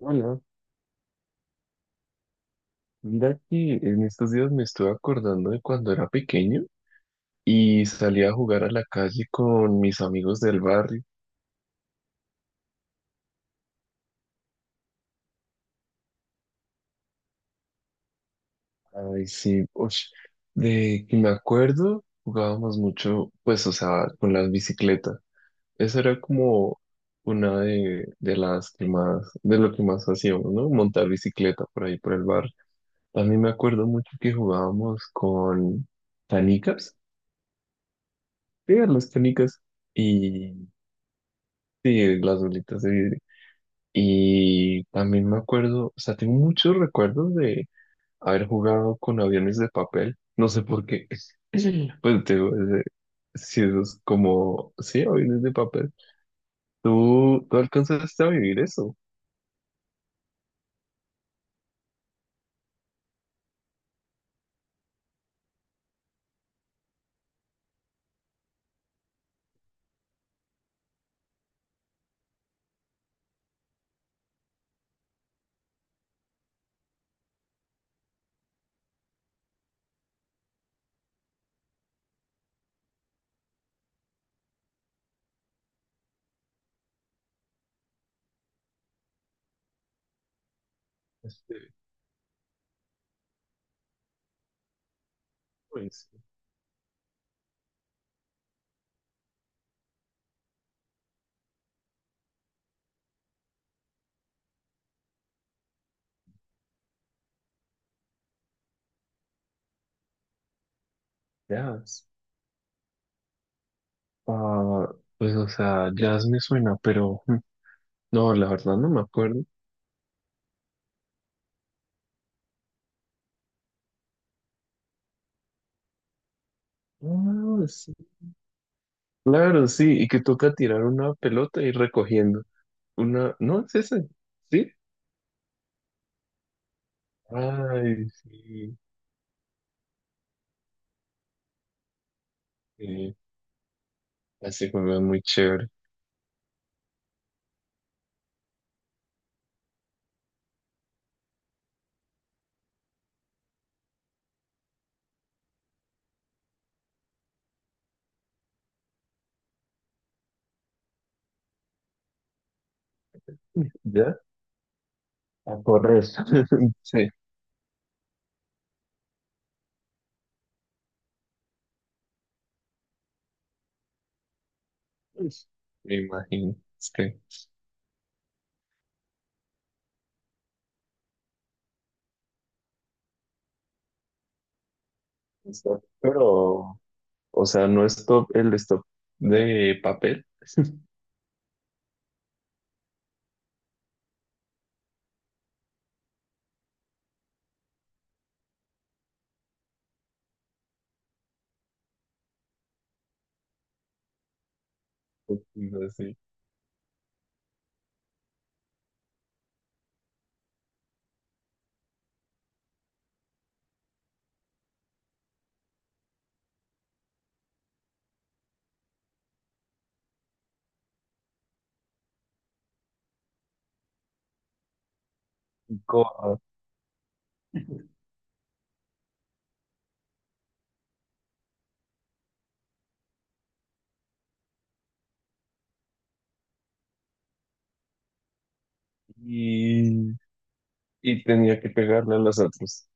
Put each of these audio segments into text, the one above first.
Hola, mira que en estos días me estuve acordando de cuando era pequeño y salía a jugar a la calle con mis amigos del barrio. Ay, sí, ush, de que me acuerdo, jugábamos mucho, pues, o sea, con las bicicletas. Esa era como una de las que más, de lo que más hacíamos, ¿no? Montar bicicleta por ahí, por el barrio. También me acuerdo mucho que jugábamos con canicas, sí, a las canicas. Y sí, las bolitas de. Y también me acuerdo, o sea, tengo muchos recuerdos de haber jugado con aviones de papel. No sé por qué. Pues te digo, si esos como, sí, aviones de papel. ¿Tú alcanzaste a vivir eso? Este, pues, jazz. Ah, pues, o sea, jazz me suena, pero no, la verdad no me acuerdo. Ah, sí. Claro, sí, y que toca tirar una pelota y recogiendo. Una, no, es ese, ¿sí? Ay, sí. Sí, ese juego muy chévere. ¿Ya? A correr. Sí, pues, me imagino. Es que stop, pero, o sea, no stop, el stop de papel, sino así, corra. Y, y tenía que pegarle a las otras.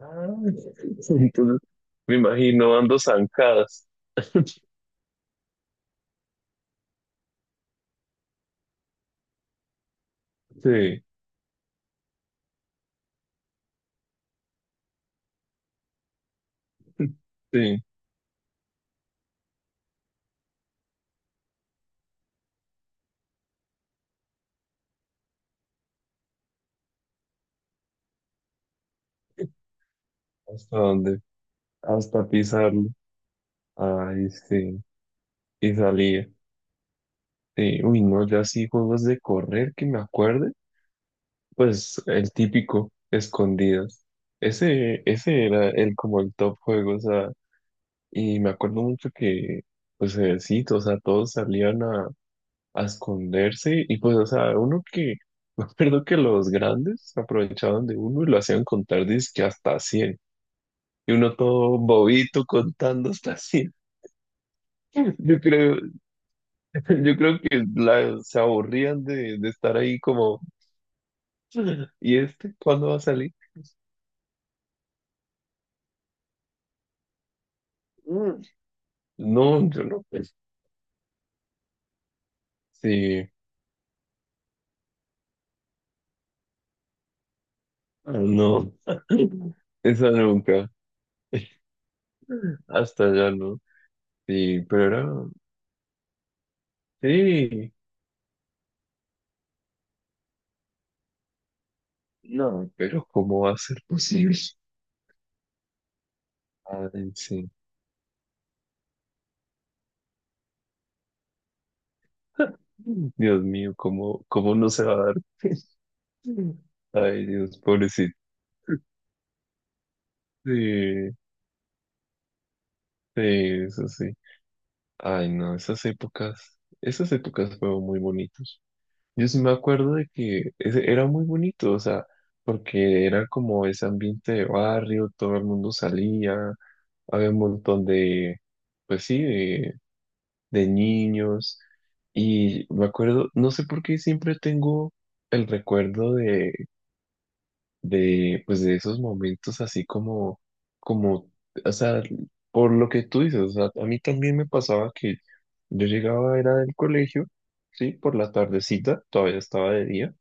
Ah, entonces, me imagino ando zancadas. Sí, sí. ¿Hasta dónde? Hasta pisarlo. Ay, sí. Y salía. Sí, uy, no, yo así juegos de correr que me acuerde, pues el típico, escondidas. Ese era el como el top juego, o sea, y me acuerdo mucho que, pues sí, o sea, todos salían a esconderse y pues, o sea, uno que, me acuerdo que los grandes aprovechaban de uno y lo hacían contar que hasta cien. Y uno todo bobito contando hasta cien. Yo creo, yo creo que la- se aburrían de estar ahí como, ¿y este cuándo va a salir? Mm. No, yo no, pues. Sí. Ah, no, esa nunca. Hasta allá no. Sí, pero era. Sí, no, pero ¿cómo va a ser posible? Ay, sí. Dios mío, ¿cómo, cómo no se va a dar? Ay, Dios, pobrecito. Sí, sí, eso sí. Ay, no, esas épocas fueron muy bonitas. Yo sí me acuerdo de que ese- era muy bonito, o sea, porque era como ese ambiente de barrio, todo el mundo salía, había un montón de, pues sí, de niños. Y me acuerdo, no sé por qué siempre tengo el recuerdo de, pues de esos momentos así como, como, o sea, por lo que tú dices, o sea, a mí también me pasaba que yo llegaba, era del colegio, sí, por la tardecita, todavía estaba de día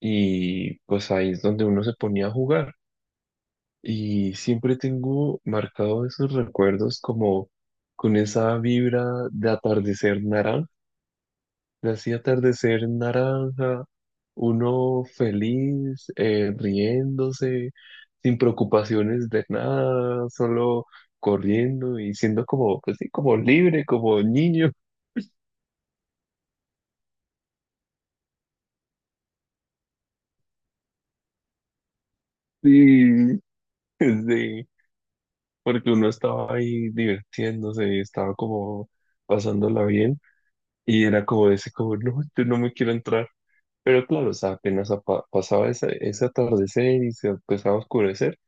y pues ahí es donde uno se ponía a jugar. Y siempre tengo marcado esos recuerdos como con esa vibra de atardecer naranja, de así atardecer naranja, uno feliz, riéndose, sin preocupaciones de nada, solo corriendo y siendo como, pues sí, como libre, como niño. Sí, sí, porque uno estaba ahí divirtiéndose y estaba como pasándola bien. Y era como ese, como, no, yo no me quiero entrar. Pero claro, o sea, apenas pasaba ese, ese atardecer y se empezaba a oscurecer,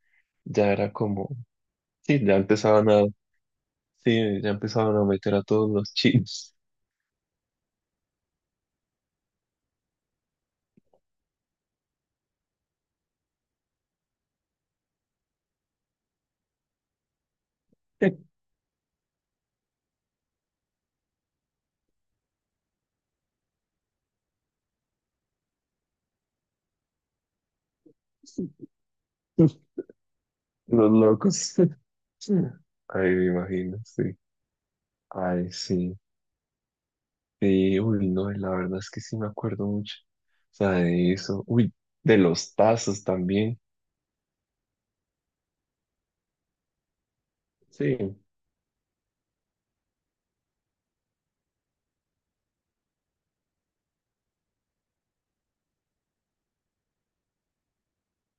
ya era como, sí, ya empezaban a, sí, ya empezaban a meter a todos los chinos, los locos. Ay, me imagino, sí. Ay, sí. Sí, uy, no, la verdad es que sí me acuerdo mucho. O sea, de eso. Uy, de los tazos también. Sí.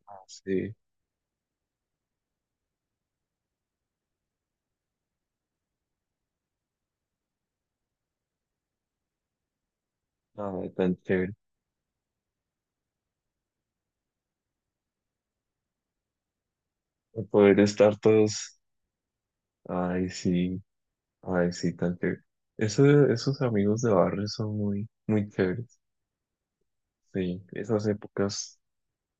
Ah, sí, nada, tan chévere. Poder estar todos. Ay, sí, ay, sí, tan chévere. Eso, esos amigos de barrio son muy, muy chéveres. Sí,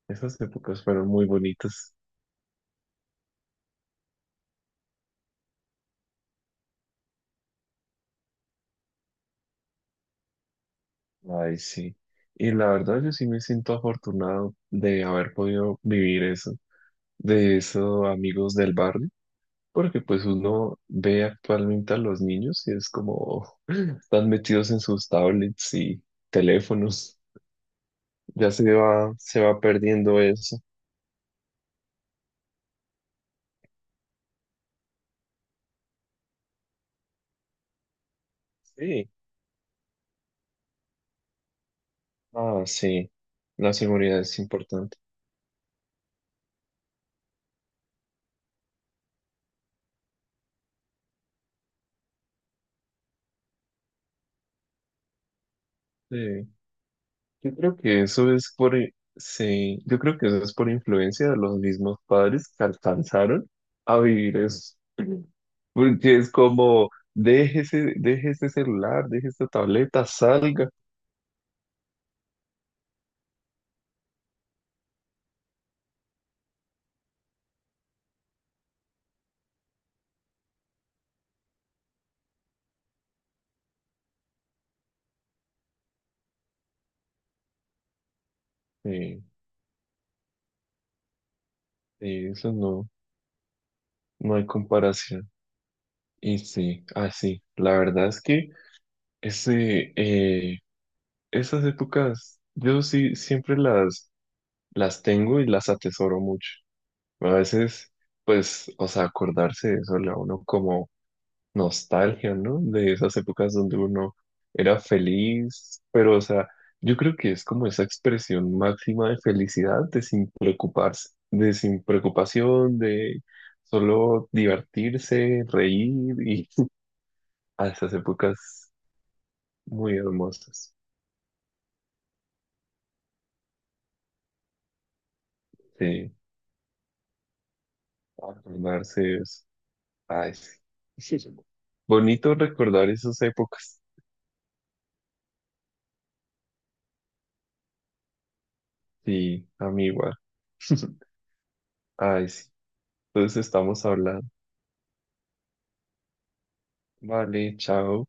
esas épocas fueron muy bonitas. Ay, sí. Y la verdad, yo sí me siento afortunado de haber podido vivir eso, de esos amigos del barrio, porque pues uno ve actualmente a los niños y es como están metidos en sus tablets y teléfonos. Ya se va perdiendo eso. Sí. Ah, sí, la seguridad es importante. Sí. Yo creo que eso es por, sí, yo creo que eso es por influencia de los mismos padres que alcanzaron a vivir eso. Porque es como, deje ese celular, deje esta tableta, salga. Sí, sí, eso no, no hay comparación. Y sí, así, la verdad es que ese, esas épocas, yo sí siempre las tengo y las atesoro mucho. A veces, pues, o sea, acordarse de eso le da a uno como nostalgia, ¿no? De esas épocas donde uno era feliz, pero, o sea, yo creo que es como esa expresión máxima de felicidad, de sin preocuparse, de sin preocupación, de solo divertirse, reír y a esas épocas muy hermosas. Sí, acordarse es, ay, sí. Bonito recordar esas épocas. Sí, a mí igual. Ay, sí. Entonces estamos hablando. Vale, chao.